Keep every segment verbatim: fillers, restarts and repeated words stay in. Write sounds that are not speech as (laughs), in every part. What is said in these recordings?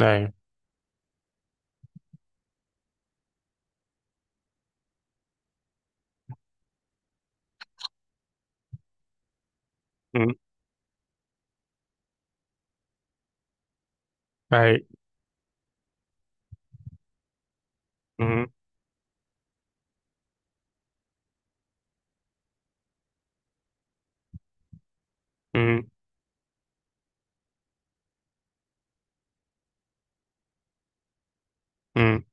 ايوه. مم. ايوه. مم. مم. مم.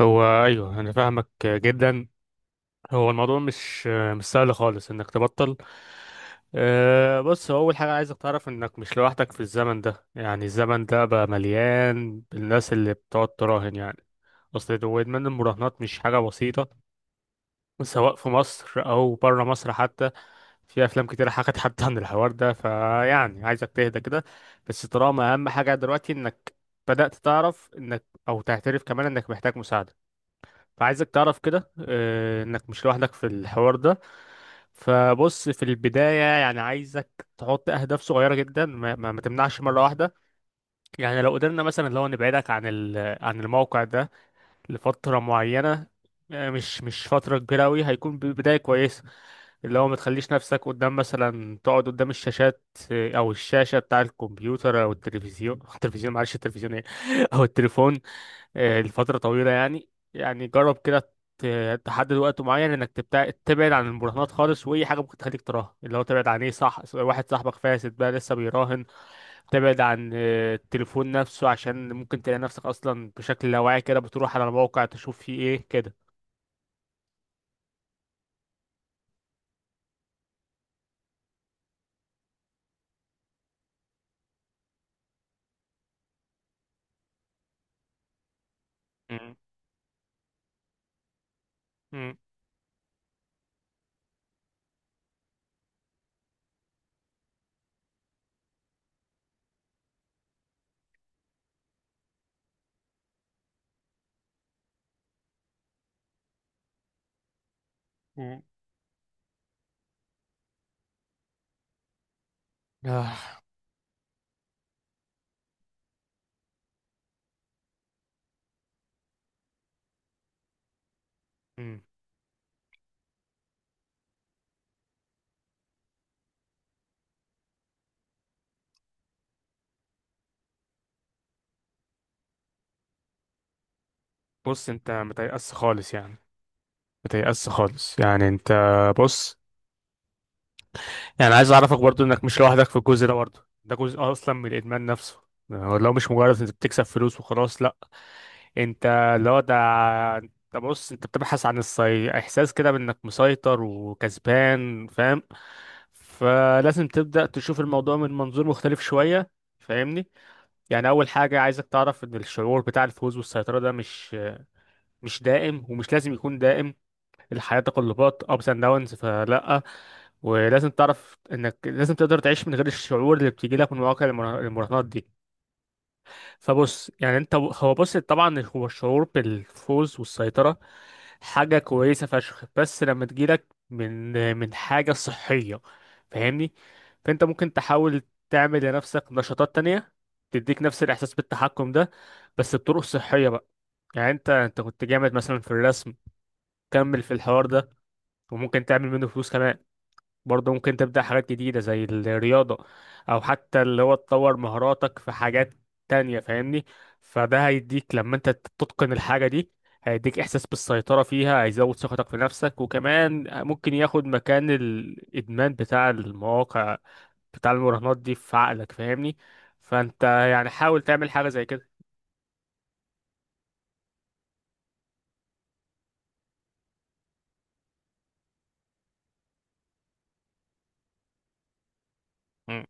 هو ايوه، انا فاهمك جدا. هو الموضوع مش مش سهل خالص انك تبطل. أه، بص، هو اول حاجه عايزك تعرف انك مش لوحدك في الزمن ده. يعني الزمن ده بقى مليان بالناس اللي بتقعد تراهن يعني. اصل هو ادمان المراهنات مش حاجه بسيطه، سواء في مصر او بره مصر حتى. في افلام كتير حكت حتى عن الحوار ده، فيعني عايزك تهدى كده. بس طالما اهم حاجه دلوقتي انك بدات تعرف انك او تعترف كمان انك محتاج مساعده، فعايزك تعرف كده آه، انك مش لوحدك في الحوار ده. فبص، في البدايه يعني عايزك تحط اهداف صغيره جدا، ما, ما, ما تمنعش مره واحده. يعني لو قدرنا مثلا لو نبعدك عن ال- عن الموقع ده لفترة معينة. آه، مش مش فترة كبيرة أوي هيكون بداية كويسة. اللي هو ما تخليش نفسك قدام، مثلا تقعد قدام الشاشات. آه، أو الشاشة بتاع الكمبيوتر أو التلفزيون (laughs) التلفزيون معلش، التلفزيون إيه (laughs) أو التليفون. آه، لفترة طويلة يعني. يعني جرب كده، ت- تحدد وقت معين انك تبتع... تبعد عن المراهنات خالص، واي حاجه ممكن تخليك تراهن، اللي هو تبعد عن ايه؟ صح، واحد صاحبك فاسد بقى لسه بيراهن، تبعد عن آه، التليفون نفسه، عشان ممكن تلاقي نفسك اصلا بشكل لا واعي كده بتروح على الموقع تشوف فيه ايه كده. مم. مم. مم. آه. مم. بص، انت متيأس خالص يعني، متيأس خالص يعني انت. بص، يعني عايز اعرفك برضو انك مش لوحدك في الجزء ده، برضو ده جزء اصلا من الادمان نفسه. آه، لو مش مجرد انت بتكسب فلوس وخلاص، لا، انت، اللي هو ده، انت، بص، انت بتبحث عن الصي... احساس كده بانك مسيطر وكسبان، فاهم؟ فلازم تبدأ تشوف الموضوع من منظور مختلف شوية، فاهمني؟ يعني اول حاجة عايزك تعرف ان الشعور بتاع الفوز والسيطرة ده مش مش دائم ومش لازم يكون دائم. الحياة تقلبات، ups and downs، فلا، ولازم تعرف انك لازم تقدر تعيش من غير الشعور اللي بتيجي لك من مواقع المراهنات دي. فبص، يعني انت، هو، بص، طبعا هو الشعور بالفوز والسيطرة حاجة كويسة فشخ، بس لما تجيلك من من حاجة صحية، فاهمني؟ فانت ممكن تحاول تعمل لنفسك نشاطات تانية تديك نفس الإحساس بالتحكم ده، بس بطرق صحية بقى. يعني انت انت كنت جامد مثلا في الرسم، كمل في الحوار ده، وممكن تعمل منه فلوس كمان. برضه ممكن تبدأ حاجات جديدة زي الرياضة، أو حتى اللي هو تطور مهاراتك في حاجات تانية، فاهمني؟ فده هيديك لما أنت تتقن الحاجة دي، هيديك إحساس بالسيطرة فيها، هيزود ثقتك في نفسك، وكمان ممكن ياخد مكان الإدمان بتاع المواقع بتاع المراهنات دي في عقلك، فاهمني؟ فأنت يعني حاول تعمل حاجة زي كده. م-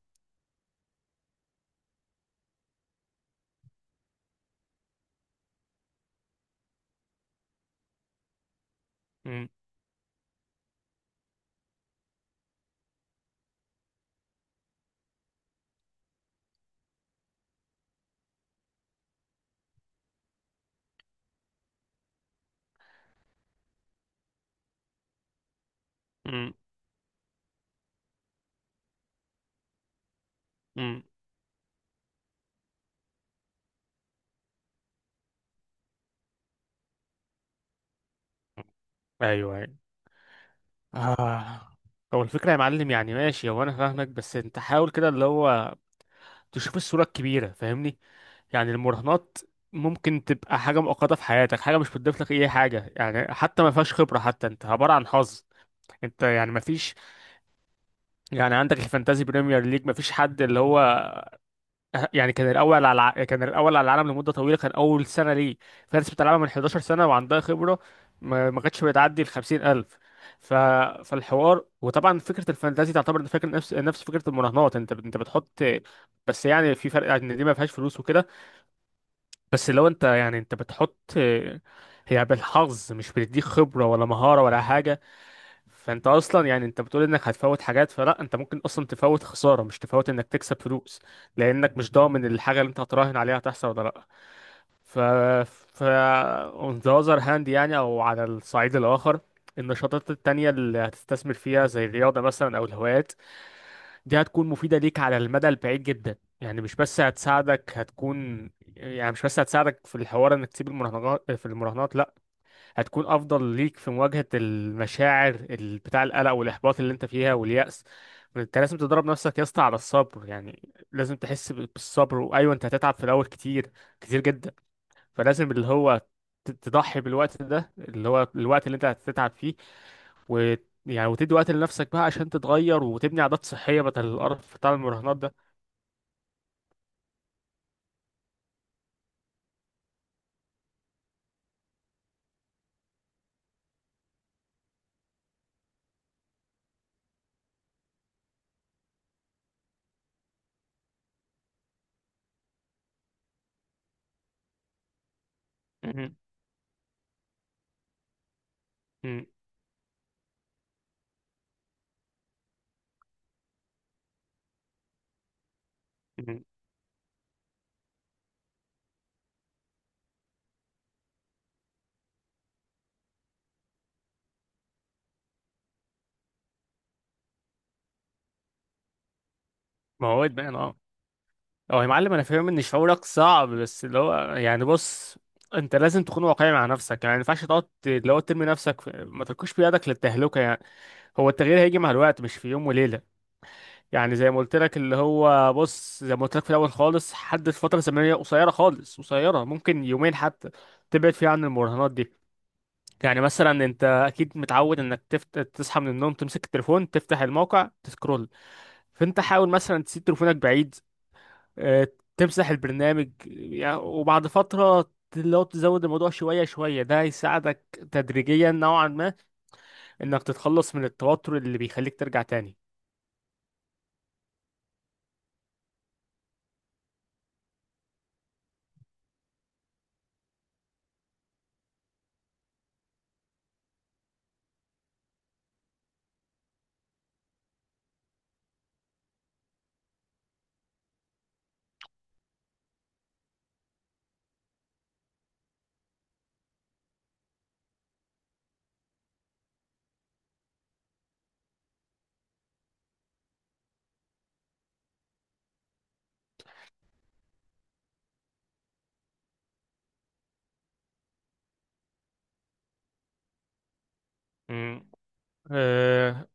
م- م- م. أيوه أيوه. آه. هو الفكرة يا معلم، يعني ماشي، هو أنا فاهمك. بس أنت حاول كده اللي هو تشوف الصورة الكبيرة، فاهمني؟ يعني المراهنات ممكن تبقى حاجة مؤقتة في حياتك، حاجة مش بتضيف لك أي حاجة يعني، حتى ما فيهاش خبرة، حتى أنت عبارة عن حظ. أنت يعني ما فيش. يعني عندك الفانتازي بريمير ليج، ما فيش حد اللي هو يعني كان الأول على الع- كان الأول على العالم لمدة طويلة. كان أول سنة ليه في ناس بتلعبها من حداشر سنة وعندها خبرة، ما ما كانتش بتعدي ال خمسين الف. ف... فالحوار، وطبعا فكرة الفانتازي تعتبر فكرة نفس نفس فكرة المراهنات. أنت أنت بتحط. بس يعني في فرق إن دي ما فيهاش فلوس وكده. بس لو انت يعني انت بتحط، هي بالحظ، مش بتديك خبرة ولا مهارة ولا حاجة. فانت اصلا يعني انت بتقول انك هتفوت حاجات. فلا، انت ممكن اصلا تفوت خسارة، مش تفوت انك تكسب فلوس، لانك مش ضامن الحاجة اللي انت هتراهن عليها هتحصل ولا لا. ف ف on the other hand، يعني او على الصعيد الاخر، النشاطات التانية اللي هتستثمر فيها زي الرياضة مثلا او الهوايات، دي هتكون مفيدة ليك على المدى البعيد جدا. يعني مش بس هتساعدك، هتكون، يعني مش بس هتساعدك في الحوار انك تسيب المراهنات في المراهنات، لا، هتكون افضل ليك في مواجهة المشاعر ال- بتاع القلق والاحباط اللي انت فيها واليأس. انت لازم تدرب نفسك يا اسطى على الصبر يعني. لازم تحس ب- بالصبر. وايوه، انت هتتعب في الاول كتير، كتير جدا. فلازم اللي هو ت- تضحي بالوقت ده، اللي هو الوقت اللي انت هتتعب فيه، و، يعني، وتدي وقت لنفسك بقى عشان تتغير وتبني عادات صحية بدل القرف بتاع المراهنات ده. مم. مم. مم. ما هو ادمان اه. هو يا معلم انا فاهم ان شعورك صعب، بس اللي هو يعني بص، انت لازم تكون واقعي مع نفسك يعني، ما ينفعش تقعد ت- اللي هو ترمي نفسك في... ما تركوش بيدك للتهلكة يعني. هو التغيير هيجي مع الوقت، مش في يوم وليلة. يعني زي ما قلت لك، اللي هو بص، زي ما قلت لك في الاول خالص، حدد فترة زمنية قصيرة خالص، قصيرة، ممكن يومين حتى، تبعد فيها عن المراهنات دي. يعني مثلا انت اكيد متعود انك تفت... تصحى من النوم تمسك التليفون تفتح الموقع تسكرول. فانت حاول مثلا تسيب تليفونك بعيد، آه، تمسح البرنامج يعني. وبعد فترة لو تزود الموضوع شوية شوية، ده هيساعدك تدريجيا نوعا ما انك تتخلص من التوتر اللي بيخليك ترجع تاني. مم. أه،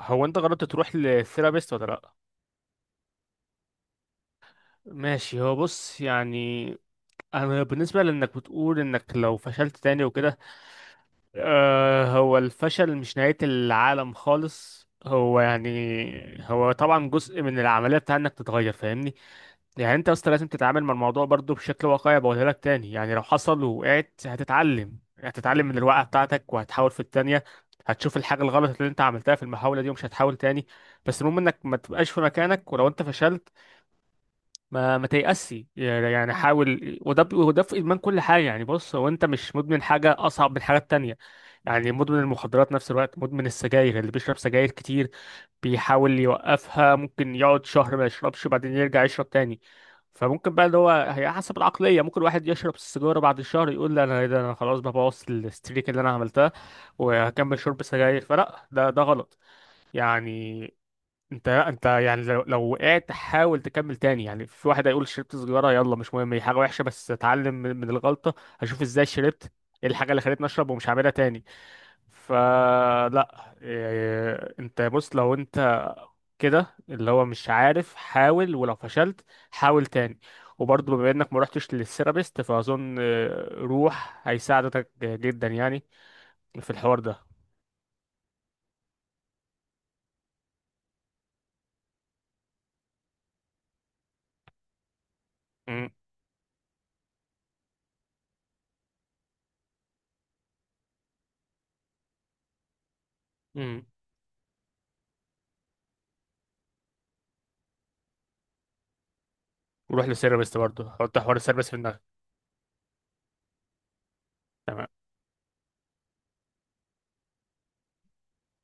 هو انت جربت تروح للثيرابيست ولا لا؟ ماشي، هو بص يعني، انا بالنسبة لانك بتقول انك لو فشلت تاني وكده، آه، هو الفشل مش نهاية العالم خالص. هو يعني هو طبعا جزء من العملية بتاع انك تتغير، فاهمني؟ يعني انت اصلا لازم تتعامل مع الموضوع برضو بشكل واقعي، بقولها لك تاني. يعني لو حصل ووقعت، هتتعلم، هتتعلم من الوقعة بتاعتك وهتحاول في التانية. هتشوف الحاجة الغلط اللي انت عملتها في المحاولة دي ومش هتحاول تاني. بس المهم انك ما تبقاش في مكانك ولو انت فشلت، ما ما تيأسي يعني، حاول. وده ب- وده في إدمان كل حاجة يعني. بص، هو أنت مش مدمن حاجة أصعب من حاجات تانية. يعني مدمن المخدرات نفس الوقت مدمن السجاير، اللي بيشرب سجاير كتير بيحاول يوقفها، ممكن يقعد شهر ما يشربش بعدين يرجع يشرب تاني. فممكن بقى اللي هو، هي حسب العقلية، ممكن واحد يشرب السيجارة بعد الشهر يقول لا أنا إيه ده، أنا خلاص بقى بوظ الستريك اللي أنا عملتها وهكمل شرب سجاير، فلا، ده ده غلط يعني. انت انت يعني لو لو وقعت حاول تكمل تاني. يعني في واحد هيقول شربت سجارة، يلا مش مهم، هي حاجة وحشة بس اتعلم من من الغلطة. هشوف ازاي شربت، ايه الحاجة اللي خلتني اشرب، ومش هعملها تاني. فلا إيه، انت بص لو انت كده اللي هو مش عارف، حاول، ولو فشلت حاول تاني. وبرضه بما انك ما رحتش للثيرابيست، فاظن اه، روح هيساعدك جدا يعني في الحوار ده. امم. امم. وروح للثيرابيست برضه، حط حوار الثيرابيست في دماغك. تمام.